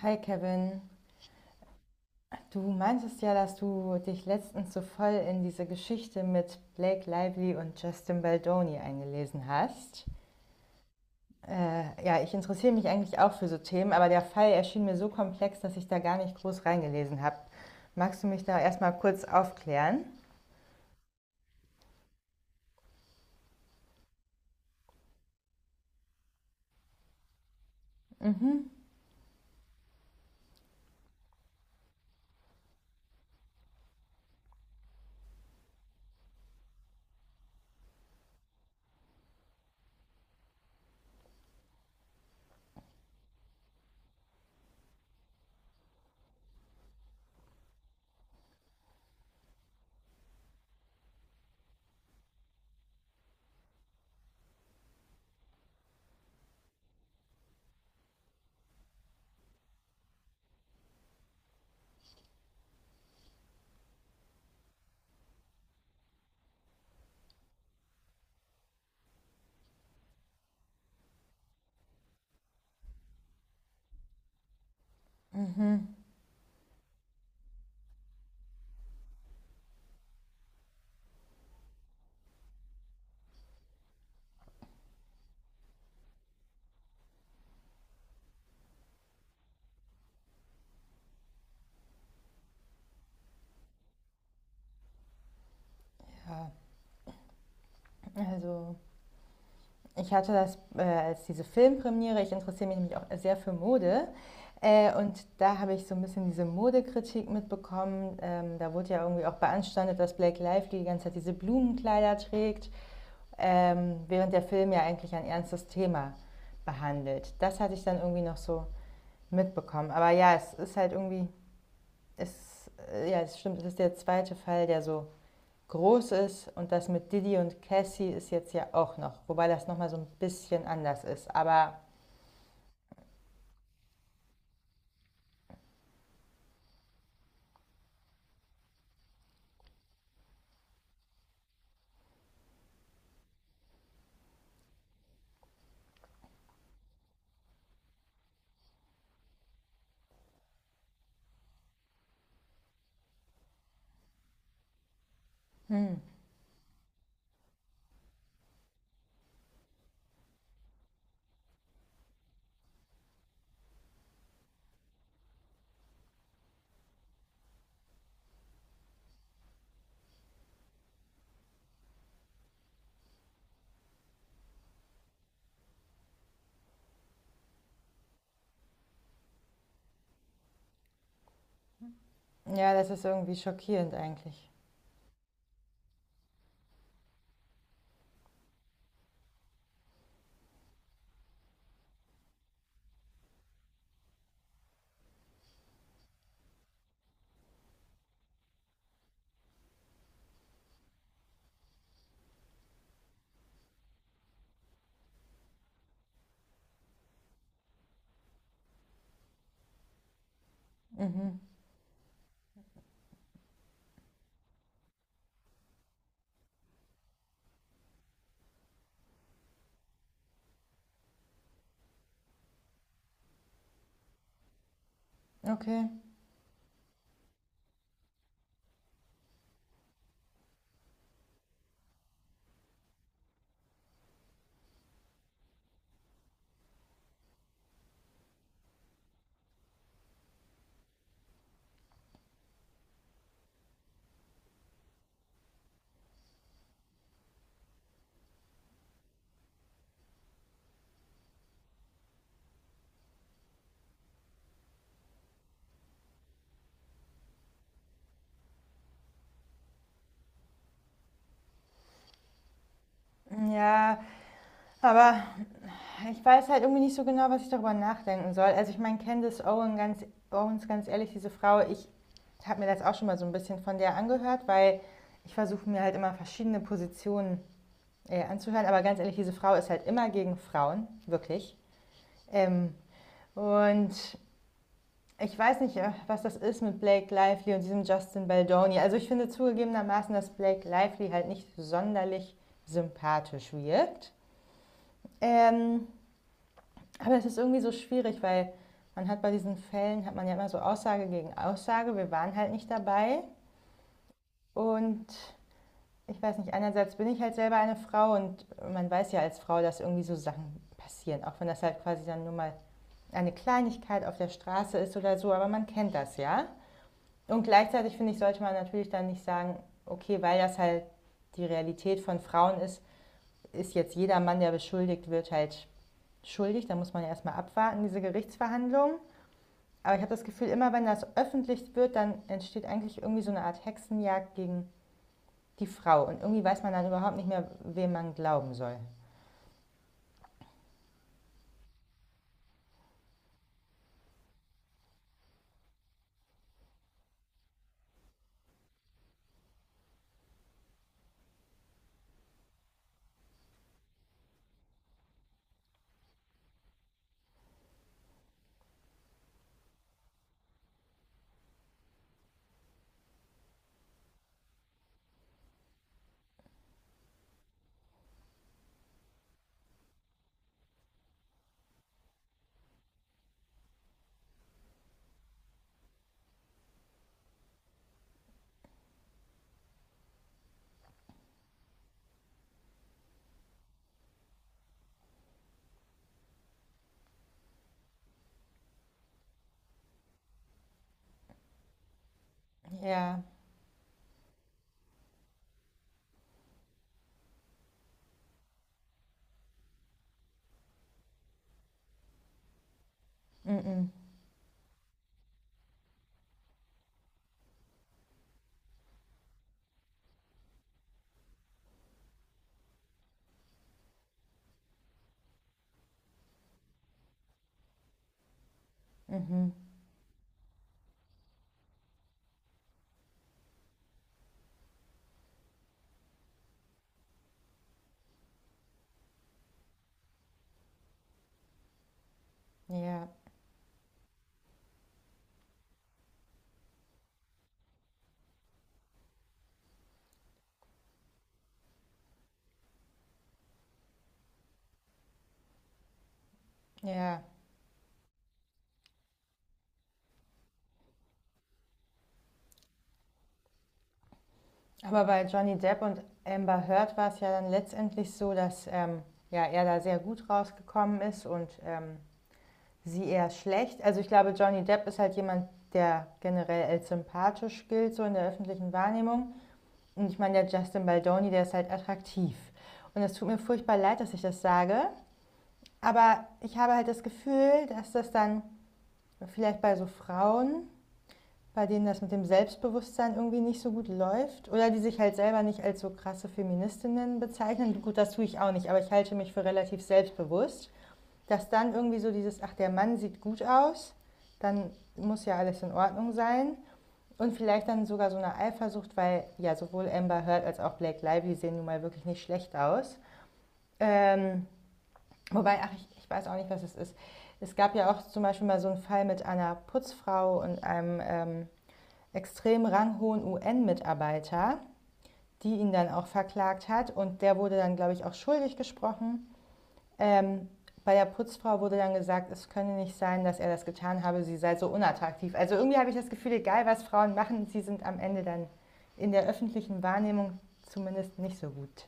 Hi Kevin, du meintest ja, dass du dich letztens so voll in diese Geschichte mit Blake Lively und Justin Baldoni eingelesen hast. Ja, Ich interessiere mich eigentlich auch für so Themen, aber der Fall erschien mir so komplex, dass ich da gar nicht groß reingelesen habe. Magst du mich da erstmal kurz aufklären? Ja, also ich hatte das als diese Filmpremiere, ich interessiere mich nämlich auch sehr für Mode. Und da habe ich so ein bisschen diese Modekritik mitbekommen. Da wurde ja irgendwie auch beanstandet, dass Blake Lively die ganze Zeit diese Blumenkleider trägt, während der Film ja eigentlich ein ernstes Thema behandelt. Das hatte ich dann irgendwie noch so mitbekommen. Aber ja, es ist halt irgendwie, es stimmt, es ist der zweite Fall, der so groß ist, und das mit Didi und Cassie ist jetzt ja auch noch, wobei das nochmal so ein bisschen anders ist. Aber hm, ja, das ist irgendwie schockierend eigentlich. Mhm, okay. Ja, aber ich weiß halt irgendwie nicht so genau, was ich darüber nachdenken soll. Also ich meine, Candice Owens, ganz ehrlich, diese Frau, ich habe mir das auch schon mal so ein bisschen von der angehört, weil ich versuche mir halt immer verschiedene Positionen anzuhören. Aber ganz ehrlich, diese Frau ist halt immer gegen Frauen, wirklich. Ähm, und ich weiß nicht, was das ist mit Blake Lively und diesem Justin Baldoni. Also ich finde zugegebenermaßen, dass Blake Lively halt nicht sonderlich sympathisch wirkt. Ähm, aber es ist irgendwie so schwierig, weil man hat bei diesen Fällen, hat man ja immer so Aussage gegen Aussage. Wir waren halt nicht dabei. Und ich weiß nicht, einerseits bin ich halt selber eine Frau und man weiß ja als Frau, dass irgendwie so Sachen passieren. Auch wenn das halt quasi dann nur mal eine Kleinigkeit auf der Straße ist oder so. Aber man kennt das ja. Und gleichzeitig finde ich, sollte man natürlich dann nicht sagen, okay, weil das halt die Realität von Frauen ist, ist jetzt jeder Mann, der beschuldigt wird, halt schuldig. Da muss man ja erstmal abwarten, diese Gerichtsverhandlung. Aber ich habe das Gefühl, immer wenn das öffentlich wird, dann entsteht eigentlich irgendwie so eine Art Hexenjagd gegen die Frau. Und irgendwie weiß man dann überhaupt nicht mehr, wem man glauben soll. Ja, mhm, mhm, ja, ja. Aber bei Johnny Depp und Amber Heard war es ja dann letztendlich so, dass ja, er da sehr gut rausgekommen ist und sie eher schlecht. Also ich glaube, Johnny Depp ist halt jemand, der generell als sympathisch gilt, so in der öffentlichen Wahrnehmung. Und ich meine, der Justin Baldoni, der ist halt attraktiv. Und es tut mir furchtbar leid, dass ich das sage. Aber ich habe halt das Gefühl, dass das dann vielleicht bei so Frauen, bei denen das mit dem Selbstbewusstsein irgendwie nicht so gut läuft oder die sich halt selber nicht als so krasse Feministinnen bezeichnen. Gut, das tue ich auch nicht, aber ich halte mich für relativ selbstbewusst, dass dann irgendwie so dieses, ach, der Mann sieht gut aus, dann muss ja alles in Ordnung sein. Und vielleicht dann sogar so eine Eifersucht, weil ja sowohl Amber Heard als auch Blake Lively sehen nun mal wirklich nicht schlecht aus. Ähm, wobei, ach, ich weiß auch nicht, was es ist. Es gab ja auch zum Beispiel mal so einen Fall mit einer Putzfrau und einem extrem ranghohen UN-Mitarbeiter, die ihn dann auch verklagt hat. Und der wurde dann, glaube ich, auch schuldig gesprochen. Ähm, bei der Putzfrau wurde dann gesagt, es könne nicht sein, dass er das getan habe, sie sei so unattraktiv. Also irgendwie habe ich das Gefühl, egal was Frauen machen, sie sind am Ende dann in der öffentlichen Wahrnehmung zumindest nicht so gut.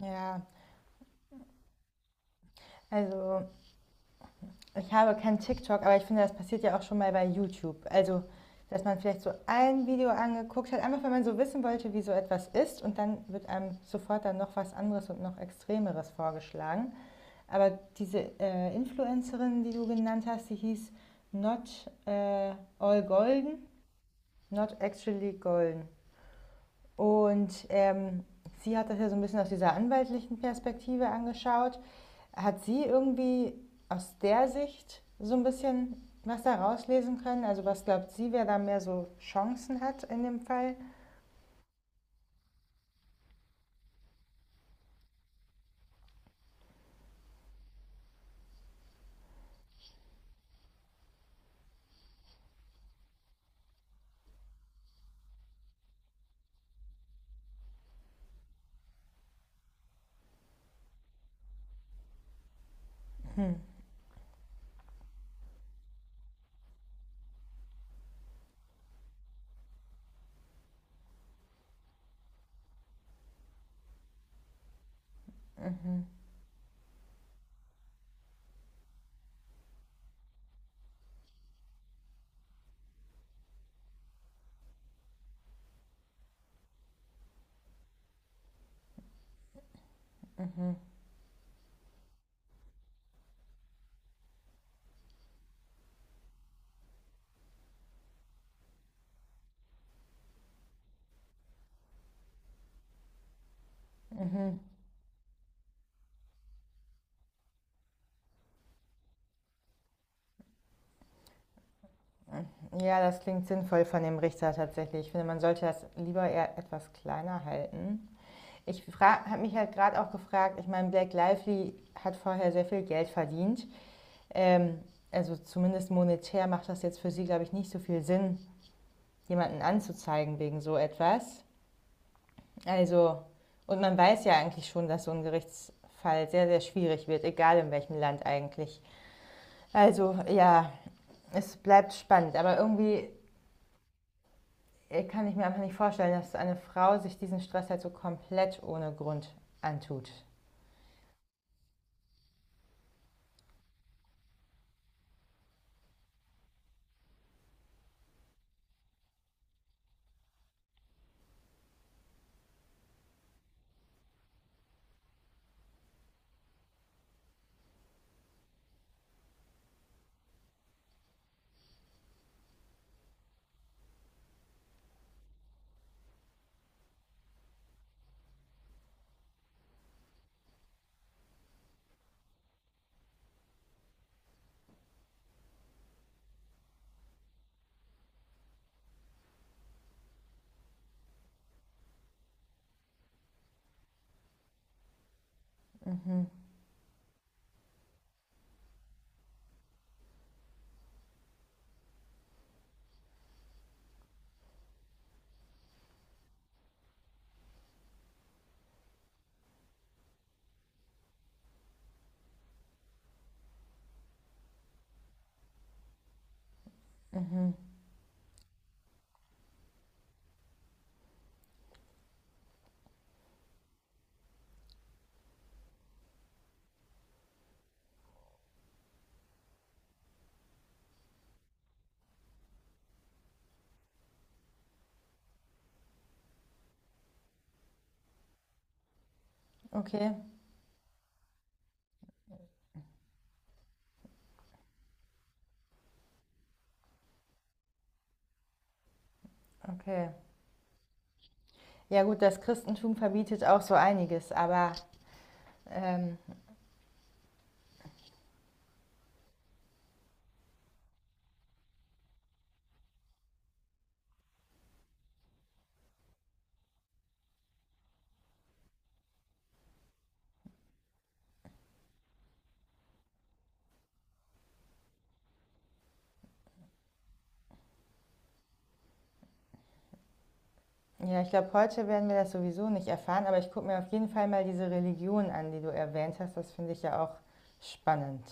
Ja, also ich habe kein TikTok, aber ich finde, das passiert ja auch schon mal bei YouTube. Also, dass man vielleicht so ein Video angeguckt hat, einfach wenn man so wissen wollte, wie so etwas ist und dann wird einem sofort dann noch was anderes und noch Extremeres vorgeschlagen. Aber diese Influencerin, die du genannt hast, die hieß Not All Golden, Not Actually Golden. Und sie hat das ja so ein bisschen aus dieser anwaltlichen Perspektive angeschaut. Hat sie irgendwie aus der Sicht so ein bisschen was da rauslesen können? Also was glaubt sie, wer da mehr so Chancen hat in dem Fall? Mhm, mhm, mhm. Ja, das klingt sinnvoll von dem Richter tatsächlich. Ich finde, man sollte das lieber eher etwas kleiner halten. Ich habe mich halt gerade auch gefragt, ich meine, Black Lively hat vorher sehr viel Geld verdient. Ähm, also zumindest monetär macht das jetzt für sie, glaube ich, nicht so viel Sinn, jemanden anzuzeigen wegen so etwas. Also, und man weiß ja eigentlich schon, dass so ein Gerichtsfall sehr, sehr schwierig wird, egal in welchem Land eigentlich. Also, ja, es bleibt spannend, aber irgendwie kann ich mir einfach nicht vorstellen, dass eine Frau sich diesen Stress halt so komplett ohne Grund antut. Mhm, mhm. Okay, okay. Ja gut, das Christentum verbietet auch so einiges, aber ähm, ja, ich glaube, heute werden wir das sowieso nicht erfahren, aber ich gucke mir auf jeden Fall mal diese Religion an, die du erwähnt hast. Das finde ich ja auch spannend.